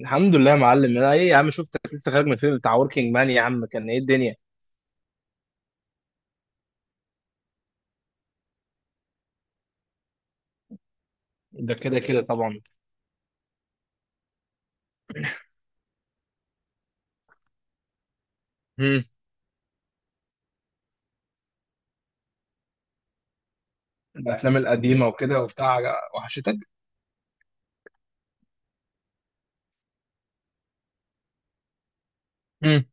الحمد لله يا معلم. انا ايه يا عم؟ شفتك لسه خارج من الفيلم بتاع وركينج مان، يا عم كان ايه الدنيا؟ ده كده كده طبعا. امم الافلام القديمه وكده وبتاع وحشتك. امم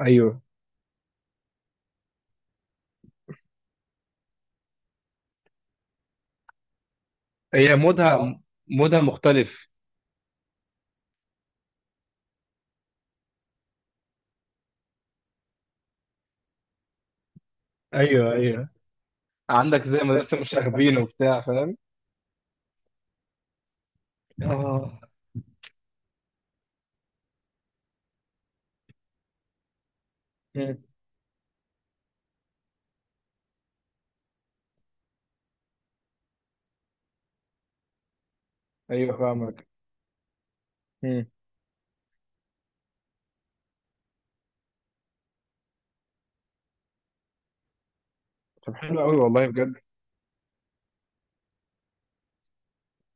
ايوه. هي مودها، مودها مختلف. ايوه ايوه، عندك زي مدرسه مشاغبين وبتاع، فاهم؟ اه. مم. ايوه فاهمك. مم. طب حلو قوي والله بجد.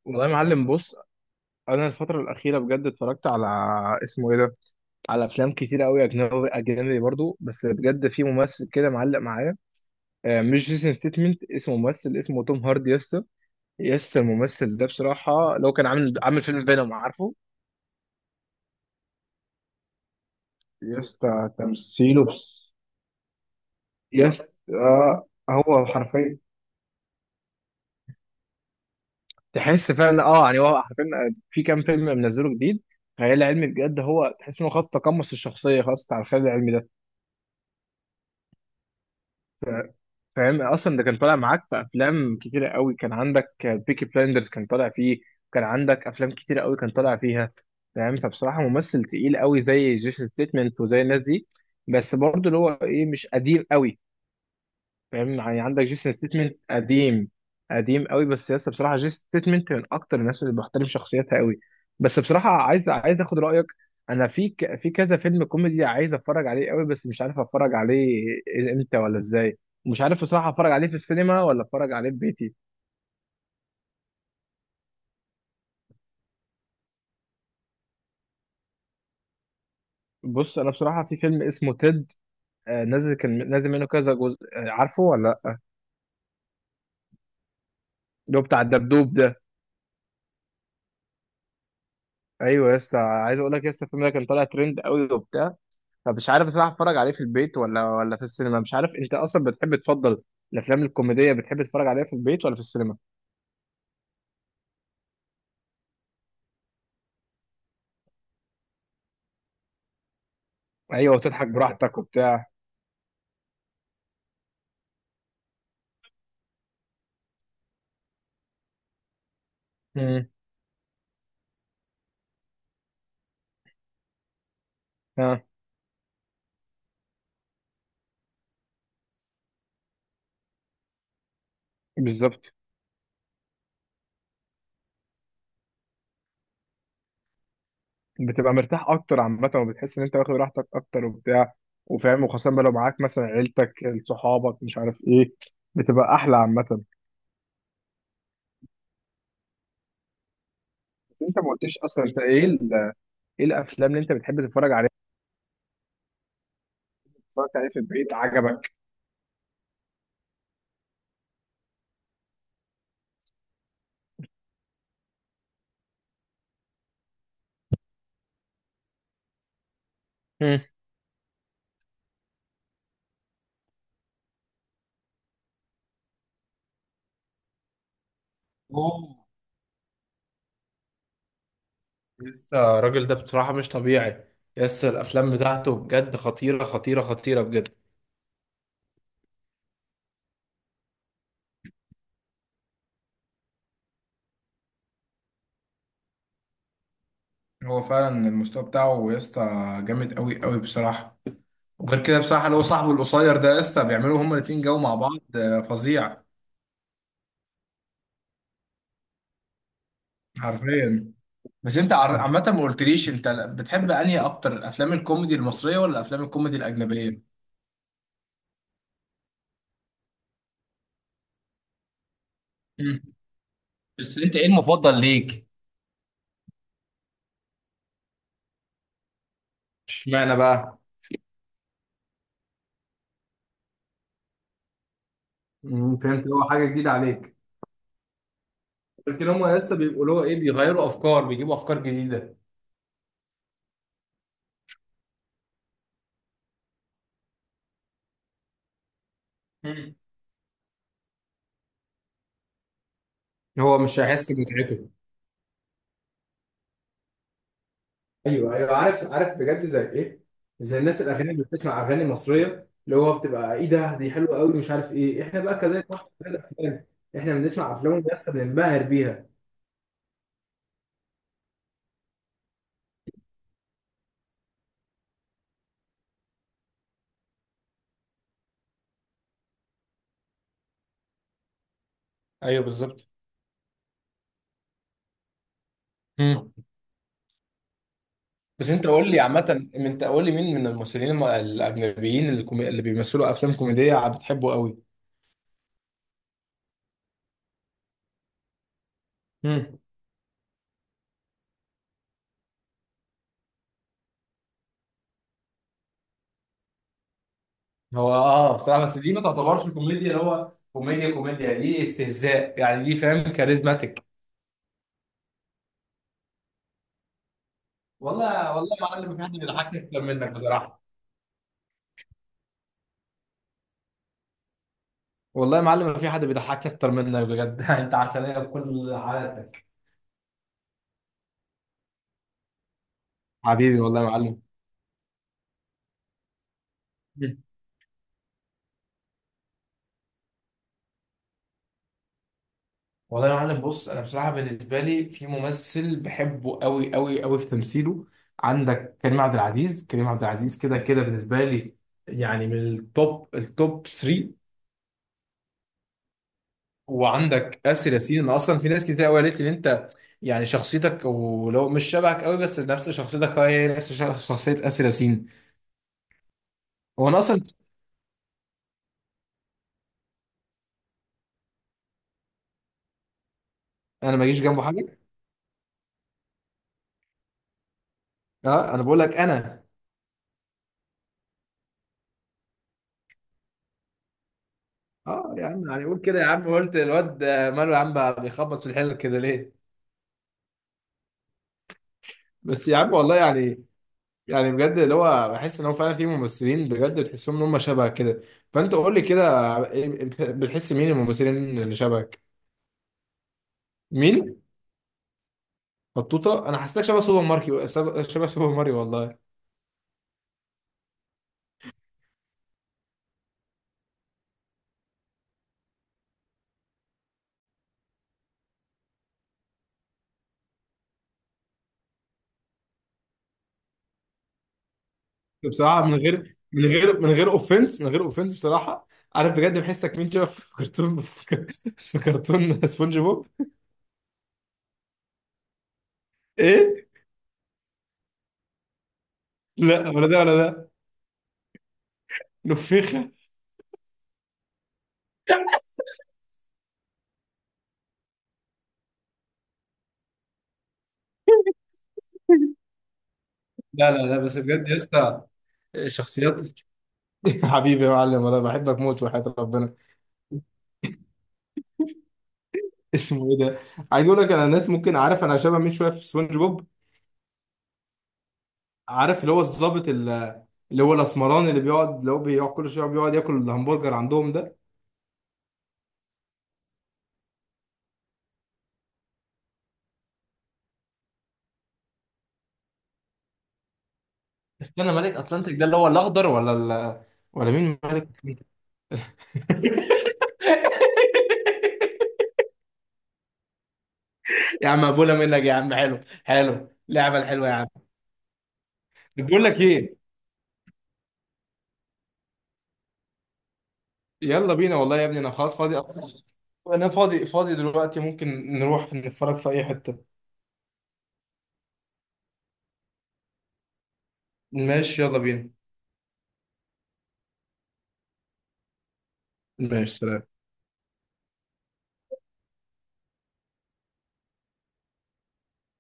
والله يا معلم بص، انا الفتره الاخيره بجد اتفرجت على، اسمه ايه ده، على افلام كتير قوي اجنبي اجنبي برضو، بس بجد في ممثل كده معلق معايا. مش جيسون ستيتمنت، اسمه ممثل اسمه توم هاردي يا اسطى. يا اسطى الممثل ده بصراحة لو كان عامل عامل فيلم فينوم، عارفه؟ يا اسطى تمثيله يا اسطى هو حرفيا تحس فعلا، اه يعني هو حرفيا، في كام فيلم منزله جديد خيال علمي بجد، هو تحس انه خلاص تقمص الشخصية خلاص بتاع الخيال العلمي ده. فاهم؟ اصلا ده كان طالع معاك في افلام كتيره قوي، كان عندك بيكي بلايندرز كان طالع فيه، كان عندك افلام كتيره قوي كان طالع فيها. فاهم؟ فبصراحه ممثل تقيل قوي زي جيسون ستيتمنت وزي الناس دي، بس برضه اللي هو ايه، مش قديم قوي. فاهم يعني؟ عندك جيسون ستيتمنت قديم قديم قوي، بس لسه بصراحه جيسون ستيتمنت من اكتر الناس اللي بحترم شخصيتها قوي. بس بصراحه عايز عايز اخد رايك، انا في ك... في كذا فيلم كوميدي عايز اتفرج عليه قوي، بس مش عارف اتفرج عليه امتى ولا ازاي. مش عارف بصراحه اتفرج عليه في السينما ولا اتفرج عليه في بيتي. بص انا بصراحه في فيلم اسمه تيد، نازل، كان نازل منه كذا جزء، عارفه ولا لا؟ اللي هو بتاع الدبدوب ده. ايوه يا اسطى، عايز اقول لك يا اسطى الفيلم ده كان طالع ترند قوي وبتاع، فمش عارف بصراحه اتفرج عليه في البيت ولا في السينما. مش عارف انت اصلا بتحب تفضل الافلام الكوميديه بتحب تتفرج عليها في البيت ولا في السينما؟ ايوه وتضحك براحتك وبتاع. امم. ها. بالظبط، بتبقى مرتاح اكتر عامه، وبتحس ان انت واخد راحتك اكتر وبتاع، وفاهم، وخاصه بقى لو معاك مثلا عيلتك، صحابك، مش عارف ايه، بتبقى احلى عامه. بس انت ما قلتليش اصلا انت ايه ايه الافلام اللي انت بتحب تتفرج عليها، اتفرجت عليها في البيت عجبك؟ مم. اوه، لسه الراجل ده بصراحة مش طبيعي، لسه الأفلام بتاعته بجد خطيرة خطيرة خطيرة بجد. هو فعلا المستوى بتاعه يا اسطى جامد قوي قوي بصراحه. وغير كده بصراحه اللي هو صاحبه القصير ده يا اسطى، بيعملوا هما الاتنين جو مع بعض فظيع. حرفيا. بس انت عامه ما قلتليش انت بتحب انهي اكتر، الافلام الكوميدي المصريه ولا الافلام الكوميدي الاجنبيه؟ مم. بس انت ايه المفضل ليك؟ اشمعنى بقى؟ مم، فهمت، هو حاجة جديدة عليك. لكن هما لسه بيبقوا له إيه، بيغيروا أفكار، بيجيبوا أفكار جديدة. مم. هو مش هيحس بمتعته. ايوه ايوه عارف عارف بجد، زي ايه، زي الناس الاغاني اللي بتسمع اغاني مصريه، اللي هو بتبقى ايه ده دي حلوه قوي مش عارف ايه، احنا بقى كذلك، زي الافلام، احنا بنسمع افلام بس بننبهر بيها. ايوه بالظبط. مم. بس انت قول لي عامه، انت قول لي مين من الممثلين الاجنبيين اللي، كومي... اللي بيمثلوا افلام كوميديه بتحبه قوي؟ مم. هو اه بصراحه، بس دي ما تعتبرش كوميديا، اللي هو كوميديا كوميديا، دي استهزاء يعني، دي فاهم كاريزماتيك. والله والله يا معلم في حد بيضحكني اكتر منك بصراحه. والله يا معلم ما في حد بيضحكني اكتر منك بجد. انت عسليه بكل حالاتك. حبيبي والله يا معلم. مم. والله يا معلم بص، انا بصراحه بالنسبه لي في ممثل بحبه قوي قوي قوي في تمثيله، عندك كريم عبد العزيز. كريم عبد العزيز كده كده بالنسبه لي يعني من التوب التوب 3. وعندك آسر ياسين، انا اصلا في ناس كتير قوي قالت لي ان انت يعني شخصيتك، ولو مش شبهك قوي بس نفس شخصيتك، هي هي نفس شخصيه آسر ياسين. هو انا اصلا، انا ما اجيش جنبه حاجه. اه انا بقول لك انا، اه يا عم يعني قول كده يا عم، قلت الواد ده ماله يا عم بقى بيخبط في الحلل كده ليه؟ بس يا عم والله يعني، يعني بجد اللي هو بحس ان هو فعلا في ممثلين بجد تحسهم ان هم شبه كده. فانت قول لي كده، بتحس مين الممثلين اللي شبهك؟ مين؟ بطوطه؟ انا حسيتك شبه سوبر ماركي، شبه شبه سوبر ماريو والله. بصراحه من غير من غير من غير اوفنس، من غير اوفنس بصراحه، عارف بجد بحسك مين شبه في كرتون، في كرتون سبونج بوب. ايه؟ لا ولا ده ولا ده. نفخة. لا لا لا بس بجد يا اسطى. شخصيات. حبيبي يا معلم والله بحبك موت وحياة ربنا. اسمه ايه ده، عايز اقول لك، انا الناس ممكن، عارف انا شبه مين شويه في سبونج بوب؟ عارف اللي هو الظابط اللي هو الاسمراني اللي بيقعد، اللي هو بيقعد كل شويه بيقعد ياكل الهمبرجر عندهم ده. استنى ملك اتلانتيك ده اللي هو الاخضر ولا ال... ولا مين ملك؟ يا عم ابولا منك يا عم، حلو حلو اللعبه الحلوه يا عم. بقول لك ايه، يلا بينا والله يا ابني، انا خلاص فاضي أصلاً. انا فاضي فاضي دلوقتي، ممكن نروح نتفرج في اي حتة. ماشي يلا بينا. ماشي سلام.